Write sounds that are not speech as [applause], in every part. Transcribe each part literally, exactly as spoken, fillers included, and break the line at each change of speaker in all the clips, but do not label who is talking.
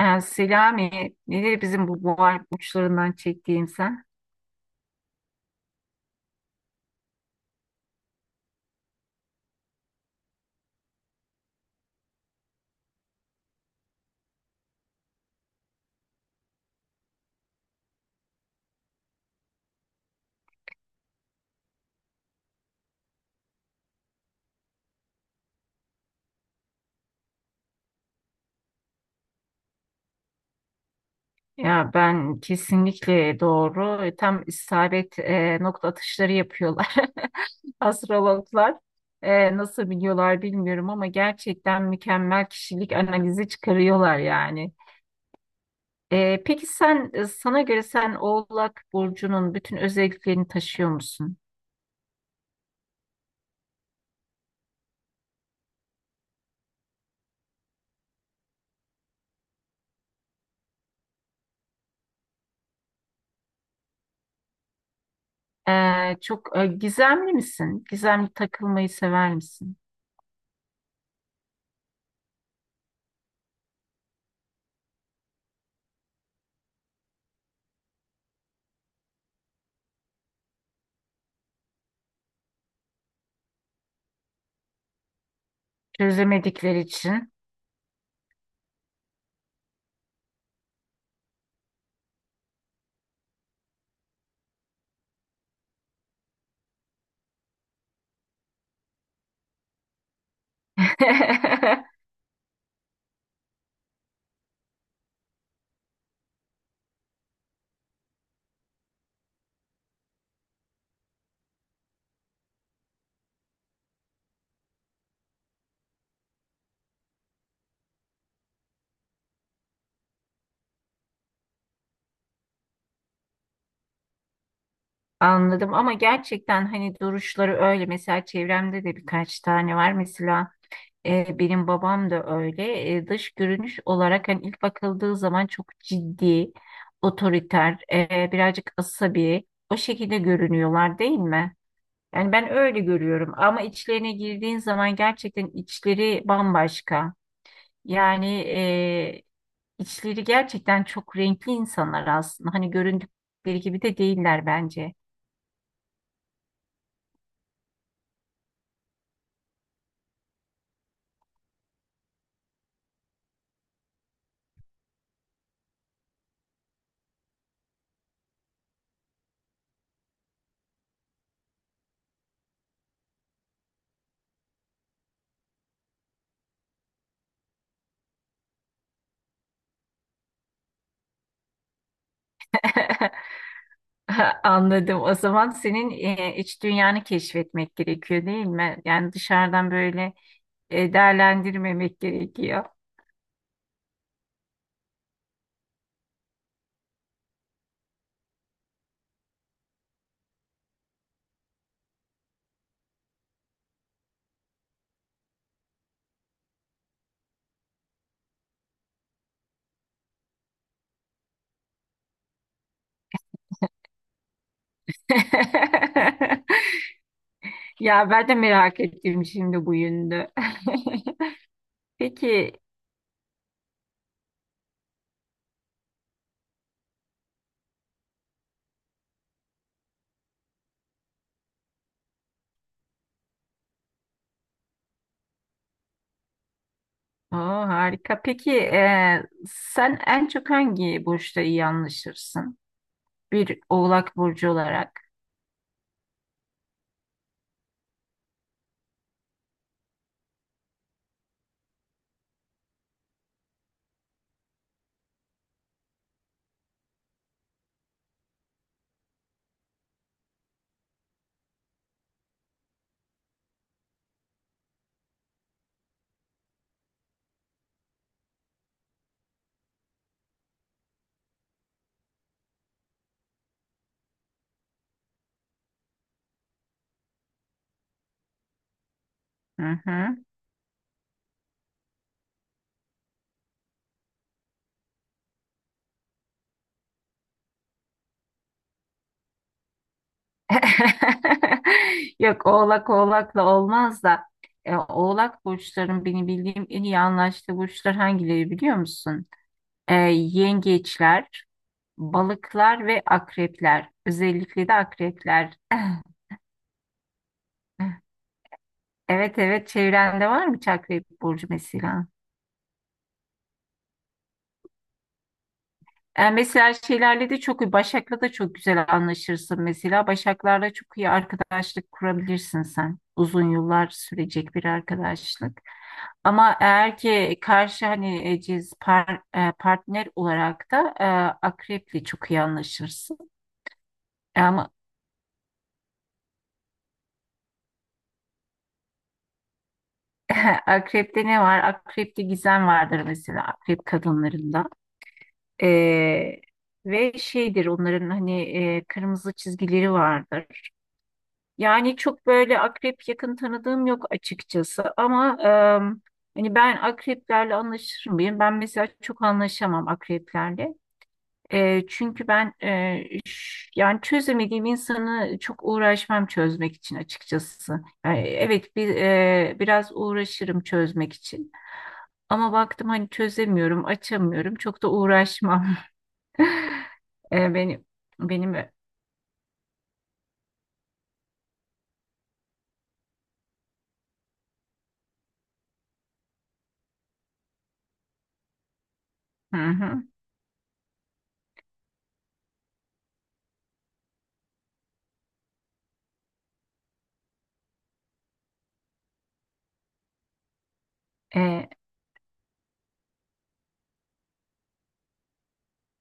Yani Selami, nedir bizim bu boğal uçlarından çektiğin sen? Ya ben kesinlikle doğru. E, Tam isabet e, nokta atışları yapıyorlar [laughs] astrologlar. E, nasıl biliyorlar bilmiyorum ama gerçekten mükemmel kişilik analizi çıkarıyorlar yani. E, peki sen e, sana göre sen Oğlak Burcu'nun bütün özelliklerini taşıyor musun? E, çok e, gizemli misin? Gizemli takılmayı sever misin? Çözemedikleri için. [laughs] Anladım ama gerçekten hani duruşları öyle, mesela çevremde de birkaç tane var, mesela e, benim babam da öyle. E, dış görünüş olarak hani ilk bakıldığı zaman çok ciddi, otoriter, e, birazcık asabi, o şekilde görünüyorlar değil mi? Yani ben öyle görüyorum ama içlerine girdiğin zaman gerçekten içleri bambaşka yani, e, içleri gerçekten çok renkli insanlar aslında, hani göründükleri gibi de değiller bence. [laughs] [laughs] Anladım. O zaman senin e, iç dünyanı keşfetmek gerekiyor değil mi? Yani dışarıdan böyle e, değerlendirmemek gerekiyor. [laughs] Ya ben de merak ettim şimdi bu yönünü. [laughs] Peki, o harika. Peki e, sen en çok hangi burçta iyi anlaşırsın? Bir Oğlak burcu olarak. Hı hı. [laughs] Yok, oğlak oğlakla olmaz da e, oğlak burçların benim bildiğim en iyi anlaştığı burçlar hangileri biliyor musun? E, Yengeçler, balıklar ve akrepler. Özellikle de akrepler. [laughs] Evet evet, çevrende var mı hiç akrep burcu mesela? Yani mesela şeylerle de çok iyi. Başak'la da çok güzel anlaşırsın mesela. Başaklarla çok iyi arkadaşlık kurabilirsin sen. Uzun yıllar sürecek bir arkadaşlık. Ama eğer ki karşı hani e, ciz par- e, partner olarak da e, akreple çok iyi anlaşırsın. E, Ama [laughs] akrepte ne var? Akrepte gizem vardır, mesela akrep kadınlarında. E, Ve şeydir onların hani e, kırmızı çizgileri vardır. Yani çok böyle akrep yakın tanıdığım yok açıkçası ama em, hani ben akreplerle anlaşır mıyım? Ben mesela çok anlaşamam akreplerle. E, çünkü ben e, ş- yani çözemediğim insanı çok uğraşmam çözmek için açıkçası. Yani evet bir e, biraz uğraşırım çözmek için. Ama baktım hani çözemiyorum, açamıyorum. Çok da uğraşmam. [laughs] E, benim benim hı hı.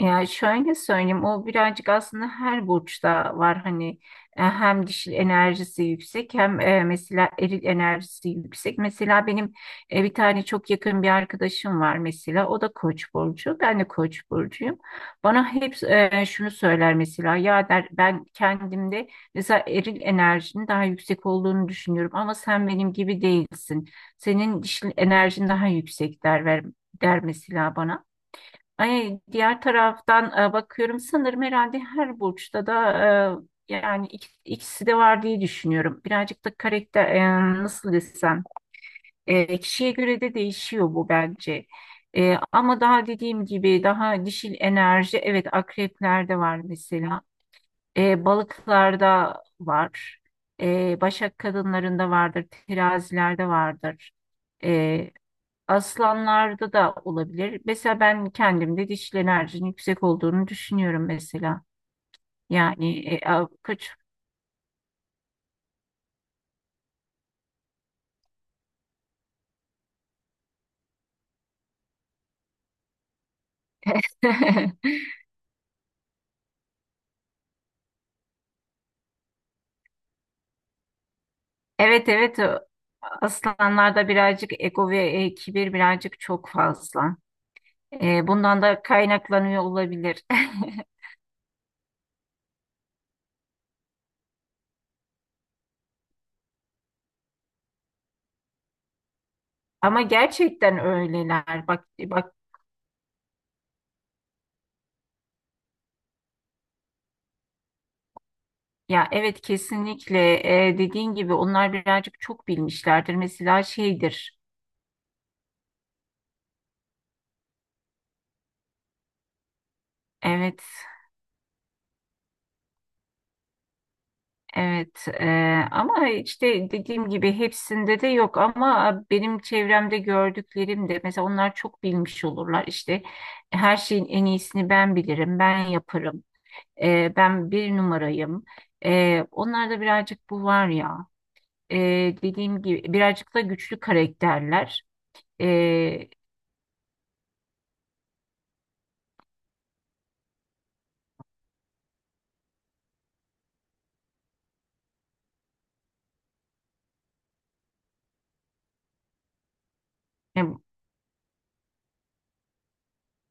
Yani şöyle söyleyeyim, o birazcık aslında her burçta var hani, e, hem dişil enerjisi yüksek hem e, mesela eril enerjisi yüksek. Mesela benim e, bir tane çok yakın bir arkadaşım var mesela, o da Koç burcu, ben de Koç burcuyum. Bana hep e, şunu söyler mesela, ya der, ben kendimde mesela eril enerjinin daha yüksek olduğunu düşünüyorum ama sen benim gibi değilsin. Senin dişil enerjin daha yüksek der, ver der mesela bana. Ay, diğer taraftan e, bakıyorum sanırım herhalde her burçta da e, yani ik- ikisi de var diye düşünüyorum. Birazcık da karakter, e, nasıl desem, e, kişiye göre de değişiyor bu bence. E, ama daha dediğim gibi daha dişil enerji, evet, akreplerde var mesela. E, balıklarda var. E, başak kadınlarında vardır. Terazilerde vardır. E, Aslanlarda da olabilir. Mesela ben kendimde dişil enerjinin yüksek olduğunu düşünüyorum mesela. Yani e, a- kaç- [laughs] Evet evet, o- aslanlarda birazcık ego ve e, kibir birazcık çok fazla. E, bundan da kaynaklanıyor olabilir. [laughs] Ama gerçekten öyleler. Bak bak, ya evet kesinlikle, e, dediğin gibi onlar birazcık çok bilmişlerdir. Mesela şeydir. Evet. Evet eee, ama işte dediğim gibi hepsinde de yok, ama benim çevremde gördüklerim de mesela onlar çok bilmiş olurlar işte, her şeyin en iyisini ben bilirim, ben yaparım, eee, ben bir numarayım. Eee, onlarda birazcık bu var ya. Eee, dediğim gibi birazcık da güçlü karakterler. Eee,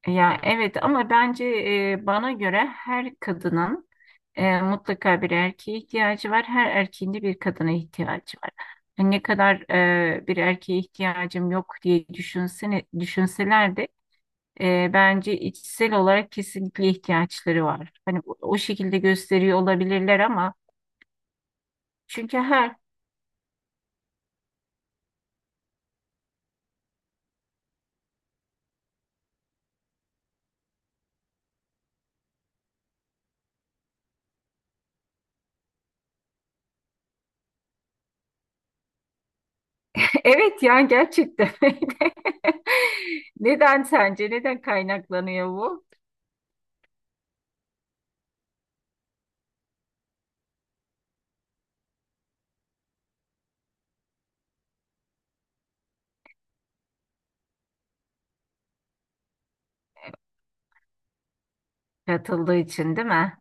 Ya evet, ama bence e, bana göre her kadının e, mutlaka bir erkeğe ihtiyacı var. Her erkeğin de bir kadına ihtiyacı var. Yani ne kadar e, bir erkeğe ihtiyacım yok diye düşünsene, düşünseler de e, bence içsel olarak kesinlikle ihtiyaçları var. Hani o, o şekilde gösteriyor olabilirler ama çünkü her [laughs] evet yani gerçekten öyle. [laughs] Neden sence, neden kaynaklanıyor bu? Katıldığı için değil mi?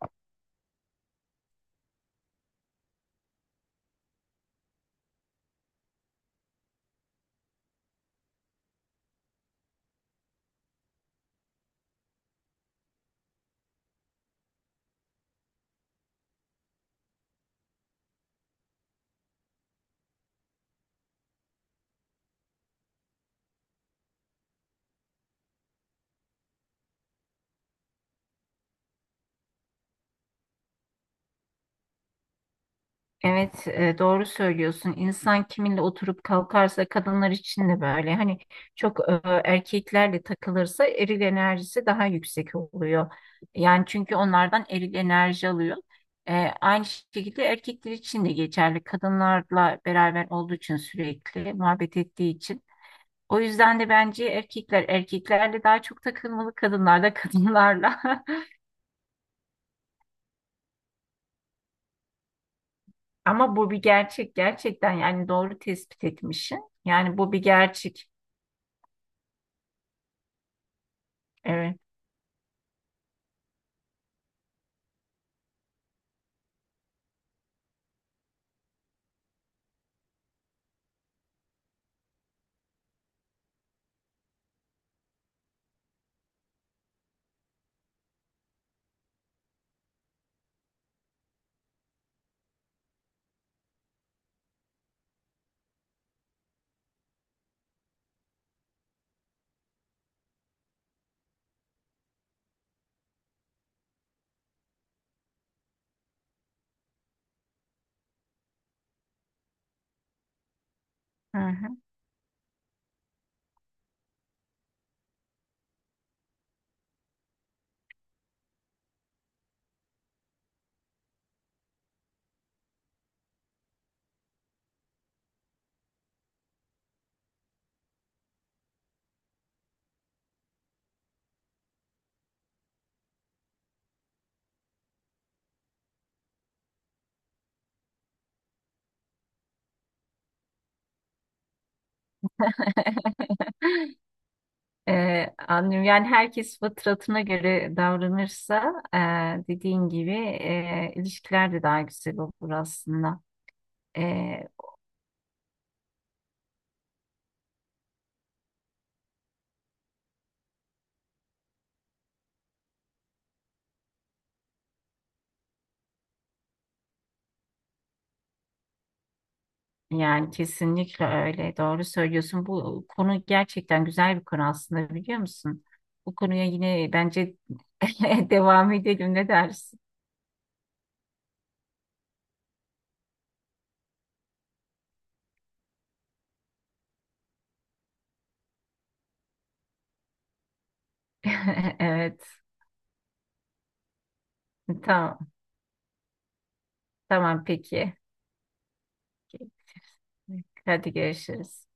Evet, e, doğru söylüyorsun. İnsan kiminle oturup kalkarsa, kadınlar için de böyle. Hani çok e, erkeklerle takılırsa eril enerjisi daha yüksek oluyor. Yani çünkü onlardan eril enerji alıyor. E, Aynı şekilde erkekler için de geçerli. Kadınlarla beraber olduğu için, sürekli muhabbet ettiği için. O yüzden de bence erkekler erkeklerle daha çok takılmalı, kadınlar da kadınlarla. [laughs] Ama bu bir gerçek, gerçekten yani doğru tespit etmişsin. Yani bu bir gerçek. Evet. Hı hı. [laughs] Ee, anlıyorum. Yani herkes fıtratına göre davranırsa e, dediğin gibi e, ilişkiler de daha güzel olur aslında. E, Yani kesinlikle öyle. Doğru söylüyorsun. Bu konu gerçekten güzel bir konu aslında, biliyor musun? Bu konuya yine bence [laughs] devam edelim. Ne dersin? [laughs] Evet. Tamam. Tamam peki. Hadi görüşürüz.